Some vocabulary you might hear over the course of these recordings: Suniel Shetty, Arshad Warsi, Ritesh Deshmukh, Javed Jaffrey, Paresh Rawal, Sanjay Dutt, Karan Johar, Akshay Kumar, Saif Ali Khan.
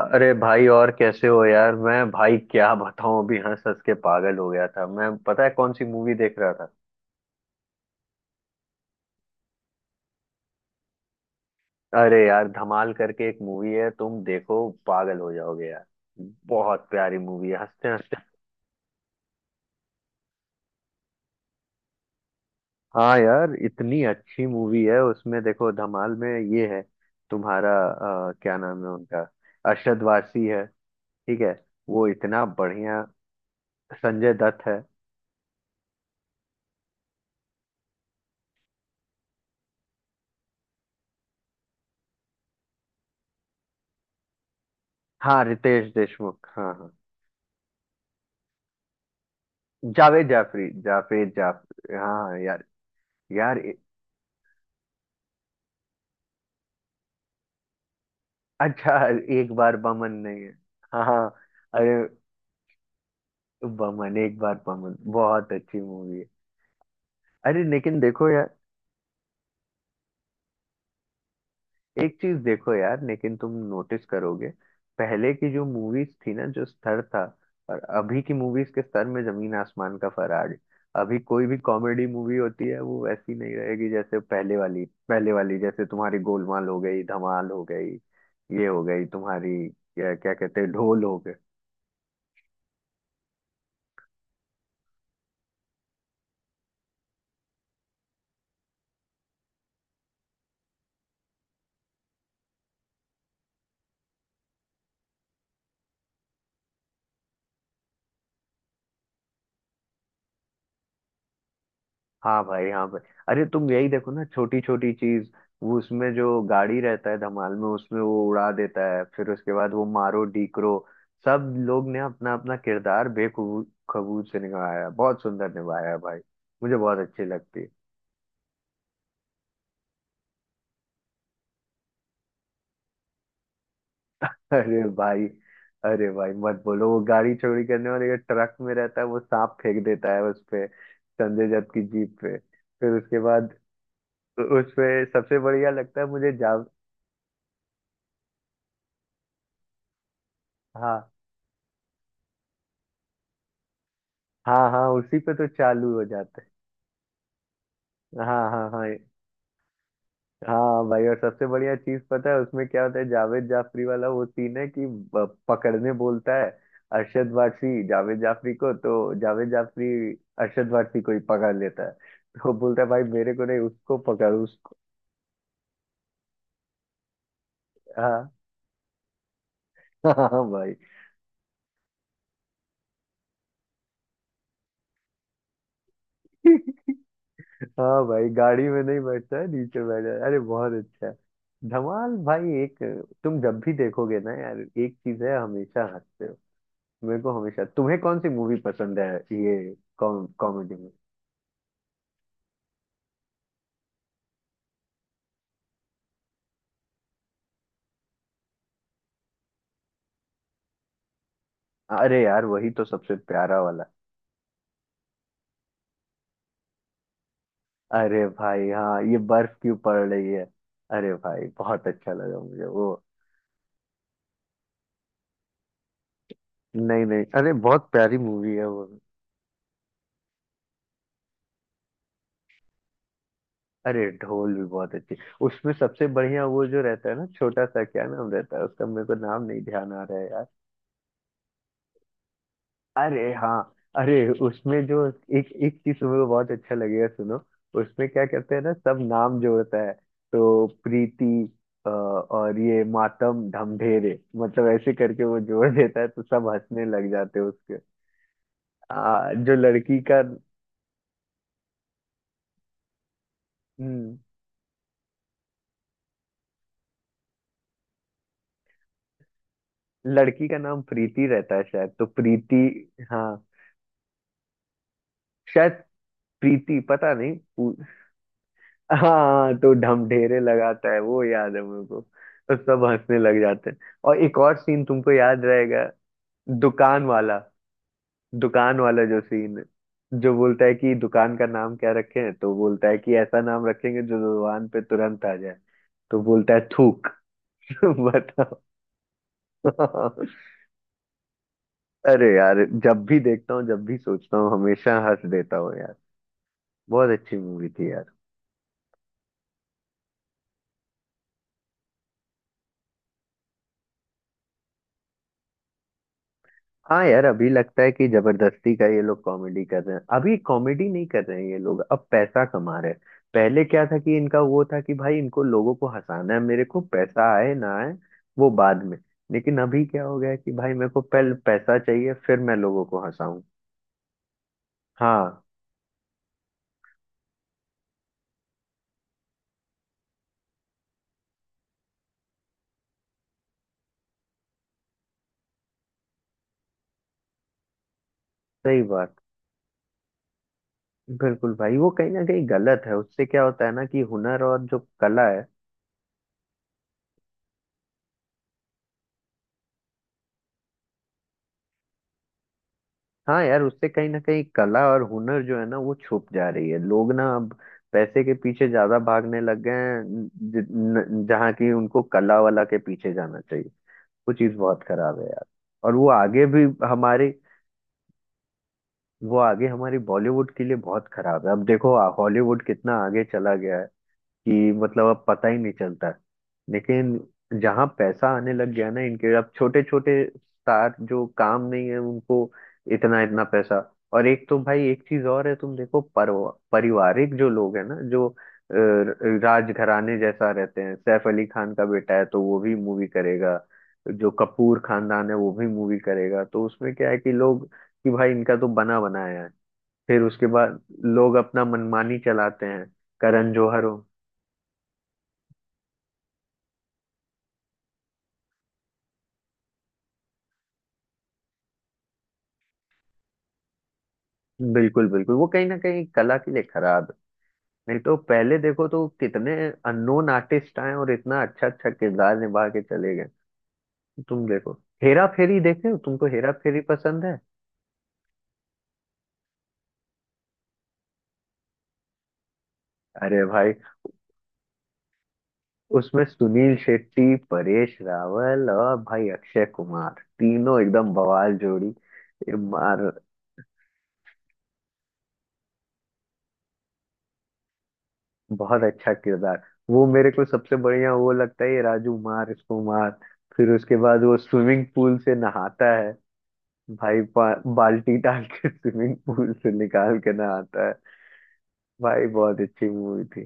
अरे भाई, और कैसे हो यार। मैं भाई क्या बताऊं, अभी हंस हंस के पागल हो गया था मैं। पता है कौन सी मूवी देख रहा था? अरे यार, धमाल करके एक मूवी है, तुम देखो पागल हो जाओगे यार। बहुत प्यारी मूवी है, हंसते हंसते। हाँ यार, इतनी अच्छी मूवी है उसमें, देखो धमाल में। ये है तुम्हारा क्या नाम है उनका, अरशद वारसी है। ठीक है, वो इतना बढ़िया। संजय दत्त है। हाँ, रितेश देशमुख, हाँ हाँ। जावेद जाफरी, जावेद जाफ हाँ यार। यार ए- अच्छा एक बार बमन नहीं है? हाँ हाँ। अरे, बमन एक बार बमन बहुत अच्छी मूवी है। अरे लेकिन देखो यार, एक चीज देखो यार, लेकिन तुम नोटिस करोगे। पहले की जो मूवीज थी ना, जो स्तर था, और अभी की मूवीज के स्तर में जमीन आसमान का फराक है। अभी कोई भी कॉमेडी मूवी होती है वो वैसी नहीं रहेगी जैसे पहले वाली। पहले वाली जैसे तुम्हारी गोलमाल हो गई, धमाल हो गई, ये हो गई तुम्हारी, क्या क्या कहते हैं, ढोल हो गई। हाँ भाई, हाँ भाई। अरे तुम यही देखो ना, छोटी छोटी चीज। वो उसमें जो गाड़ी रहता है धमाल में, उसमें वो उड़ा देता है, फिर उसके बाद वो मारो डीकरो। सब लोग ने अपना अपना किरदार बेखबूत से निभाया है। बहुत सुंदर निभाया है भाई। मुझे बहुत अच्छी लगती है। अरे भाई, अरे भाई मत बोलो, वो गाड़ी चोरी करने वाले का ट्रक में रहता है, वो सांप फेंक देता है उस पे, संजय दत्त की जीप पे, फिर उसके बाद उस पे सबसे बढ़िया लगता है मुझे जा हाँ हाँ, हाँ उसी पे तो चालू हो जाते हैं। हाँ हाँ भाई, और सबसे बढ़िया चीज पता है उसमें क्या होता है, जावेद जाफरी वाला वो सीन है, कि पकड़ने बोलता है अरशद वारसी, जावेद जाफरी को, तो जावेद जाफरी अरशद वारसी को ही पकड़ लेता है। तो बोलता है भाई मेरे को नहीं, उसको पकड़, उसको। हाँ। हाँ भाई। हाँ भाई, गाड़ी में नहीं बैठता है, नीचे बैठ जाता है। अरे बहुत अच्छा है धमाल भाई। एक, तुम जब भी देखोगे ना यार, एक चीज है, हमेशा हंसते हो। मेरे को हमेशा, तुम्हें कौन सी मूवी पसंद है ये कॉमेडी में? अरे यार वही तो सबसे प्यारा वाला। अरे भाई हाँ, ये बर्फ क्यों पड़ रही है। अरे भाई बहुत अच्छा लगा मुझे वो। नहीं नहीं, अरे बहुत प्यारी मूवी है वो। अरे ढोल भी बहुत अच्छी। उसमें सबसे बढ़िया वो जो रहता है ना, छोटा सा, क्या नाम रहता है उसका, मेरे को नाम नहीं ध्यान आ रहा है। अरे हाँ। अरे उसमें जो, एक एक चीज तुम्हें तो बहुत अच्छा लगेगा, सुनो। उसमें क्या कहते हैं ना, सब नाम जोड़ता है, तो प्रीति और ये मातम ढमढेरे, मतलब ऐसे करके वो जोड़ देता है, तो सब हंसने लग जाते हैं उसके। जो लड़की का, हम्म, लड़की का नाम प्रीति रहता है शायद, तो प्रीति, हाँ शायद, प्रीति पता नहीं। हाँ तो ढमढेरे लगाता है, वो याद है मेरे को, तो सब हंसने लग जाते हैं। और एक और सीन तुमको याद रहेगा, दुकान वाला, दुकान वाला जो सीन है, जो बोलता है कि दुकान का नाम क्या रखें, तो बोलता है कि ऐसा नाम रखेंगे जो दुकान पे तुरंत आ जाए, तो बोलता है थूक। बताओ। अरे यार जब भी देखता हूँ, जब भी सोचता हूँ, हमेशा हंस देता हूँ यार। बहुत अच्छी मूवी थी यार। हाँ यार, अभी लगता है कि जबरदस्ती का ये लोग कॉमेडी कर रहे हैं, अभी कॉमेडी नहीं कर रहे हैं ये लोग, अब पैसा कमा रहे हैं। पहले क्या था कि इनका वो था कि भाई इनको लोगों को हंसाना है, मेरे को पैसा आए ना आए वो बाद में। लेकिन अभी क्या हो गया है कि भाई मेरे को पहले पैसा चाहिए, फिर मैं लोगों को हंसाऊं। हाँ, सही बात। बिल्कुल भाई, वो कहीं ना कहीं गलत है, उससे क्या होता है ना कि हुनर और जो कला है। हाँ यार, उससे कहीं ना कहीं कला और हुनर जो है ना, वो छुप जा रही है। लोग ना अब पैसे के पीछे ज्यादा भागने लग गए हैं। जि- न- जहाँ की उनको कला वाला के पीछे जाना चाहिए। वो चीज बहुत खराब है यार। और वो आगे भी हमारे, वो आगे हमारी बॉलीवुड के लिए बहुत खराब है। अब देखो हॉलीवुड कितना आगे चला गया है कि मतलब अब पता ही नहीं चलता। लेकिन जहाँ पैसा आने लग गया ना इनके, अब छोटे छोटे स्टार जो काम नहीं है उनको इतना इतना पैसा। और एक तो भाई, एक चीज और है, तुम देखो, पारिवारिक जो लोग है ना, जो राजघराने जैसा रहते हैं, सैफ अली खान का बेटा है तो वो भी मूवी करेगा, जो कपूर खानदान है वो भी मूवी करेगा, तो उसमें क्या है कि लोग कि भाई इनका तो बना बनाया है। फिर उसके बाद लोग अपना मनमानी चलाते हैं। करण जौहर हो। बिल्कुल बिल्कुल, वो कहीं ना कहीं कला के लिए खराब है। नहीं तो पहले देखो तो कितने अननोन आर्टिस्ट आए और इतना अच्छा अच्छा किरदार निभा के चले गए। तुम देखो, हेरा फेरी देखे हो, तुमको हेरा फेरी पसंद है? अरे भाई, उसमें सुनील शेट्टी, परेश रावल और भाई अक्षय कुमार, तीनों एकदम बवाल जोड़ी। ये मार, बहुत अच्छा किरदार। वो मेरे को सबसे बढ़िया वो लगता है, ये राजू मार इसको मार, फिर उसके बाद वो स्विमिंग पूल से नहाता है भाई, बाल्टी डाल के स्विमिंग पूल से निकाल के ना आता है। भाई बहुत अच्छी मूवी थी।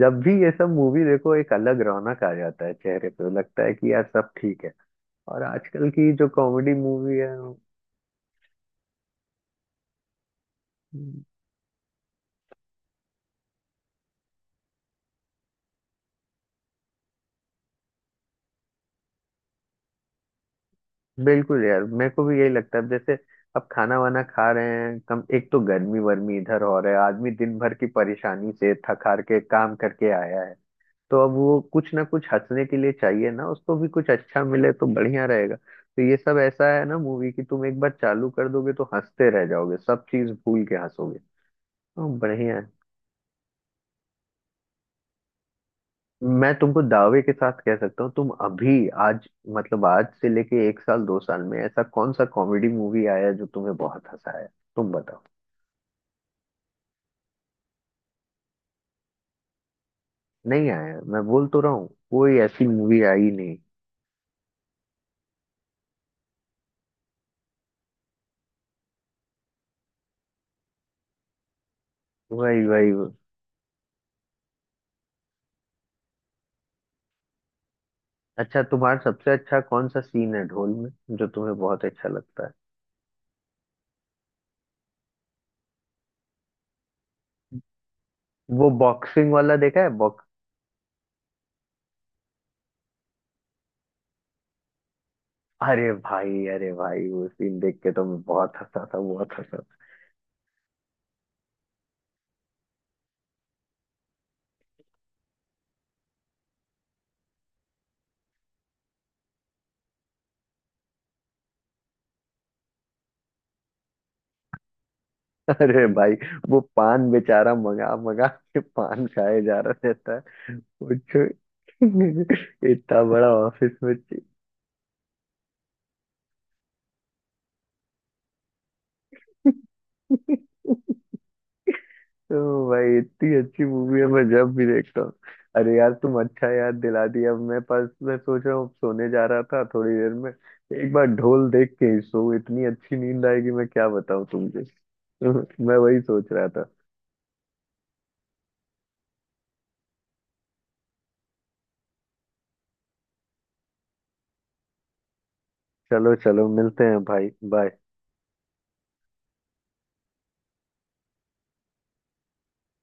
जब भी ये सब मूवी देखो, एक अलग रौनक आ जाता है चेहरे पे, लगता है कि यार सब ठीक है। और आजकल की जो कॉमेडी मूवी है। बिल्कुल यार, मेरे को भी यही लगता है, जैसे अब खाना वाना खा रहे हैं कम, एक तो गर्मी वर्मी इधर हो रहा है, आदमी दिन भर की परेशानी से थक हार के काम करके आया है, तो अब वो कुछ ना कुछ हंसने के लिए चाहिए ना, उसको भी कुछ अच्छा मिले तो बढ़िया रहेगा। तो ये सब ऐसा है ना मूवी कि तुम एक बार चालू कर दोगे तो हंसते रह जाओगे, सब चीज भूल के हंसोगे। तो बढ़िया है। मैं तुमको दावे के साथ कह सकता हूँ, तुम अभी आज, मतलब आज से लेके एक साल दो साल में ऐसा कौन सा कॉमेडी मूवी आया जो तुम्हें बहुत हंसाया, तुम बताओ। नहीं आया, मैं बोल तो रहा हूँ, कोई ऐसी मूवी आई नहीं। वही वही वही। अच्छा, तुम्हारा सबसे अच्छा कौन सा सीन है ढोल में, जो तुम्हें बहुत अच्छा लगता है? वो बॉक्सिंग वाला देखा है, बॉक्स अरे भाई, अरे भाई वो सीन देख के तो मैं बहुत हंसा था, बहुत हंसा था। अरे भाई, वो पान बेचारा मंगा मंगा के पान खाए जा रहा रहता है, वो जो- इतना बड़ा ऑफिस में तो भाई इतनी अच्छी मूवी है, मैं जब भी देखता हूँ। अरे यार तुम अच्छा याद दिला दिया, अब मैं पास, मैं सोच रहा हूँ सोने जा रहा था थोड़ी देर में, एक बार ढोल देख के ही सो, इतनी अच्छी नींद आएगी मैं क्या बताऊँ तुमसे। मैं वही सोच रहा था। चलो चलो, मिलते हैं भाई, बाय।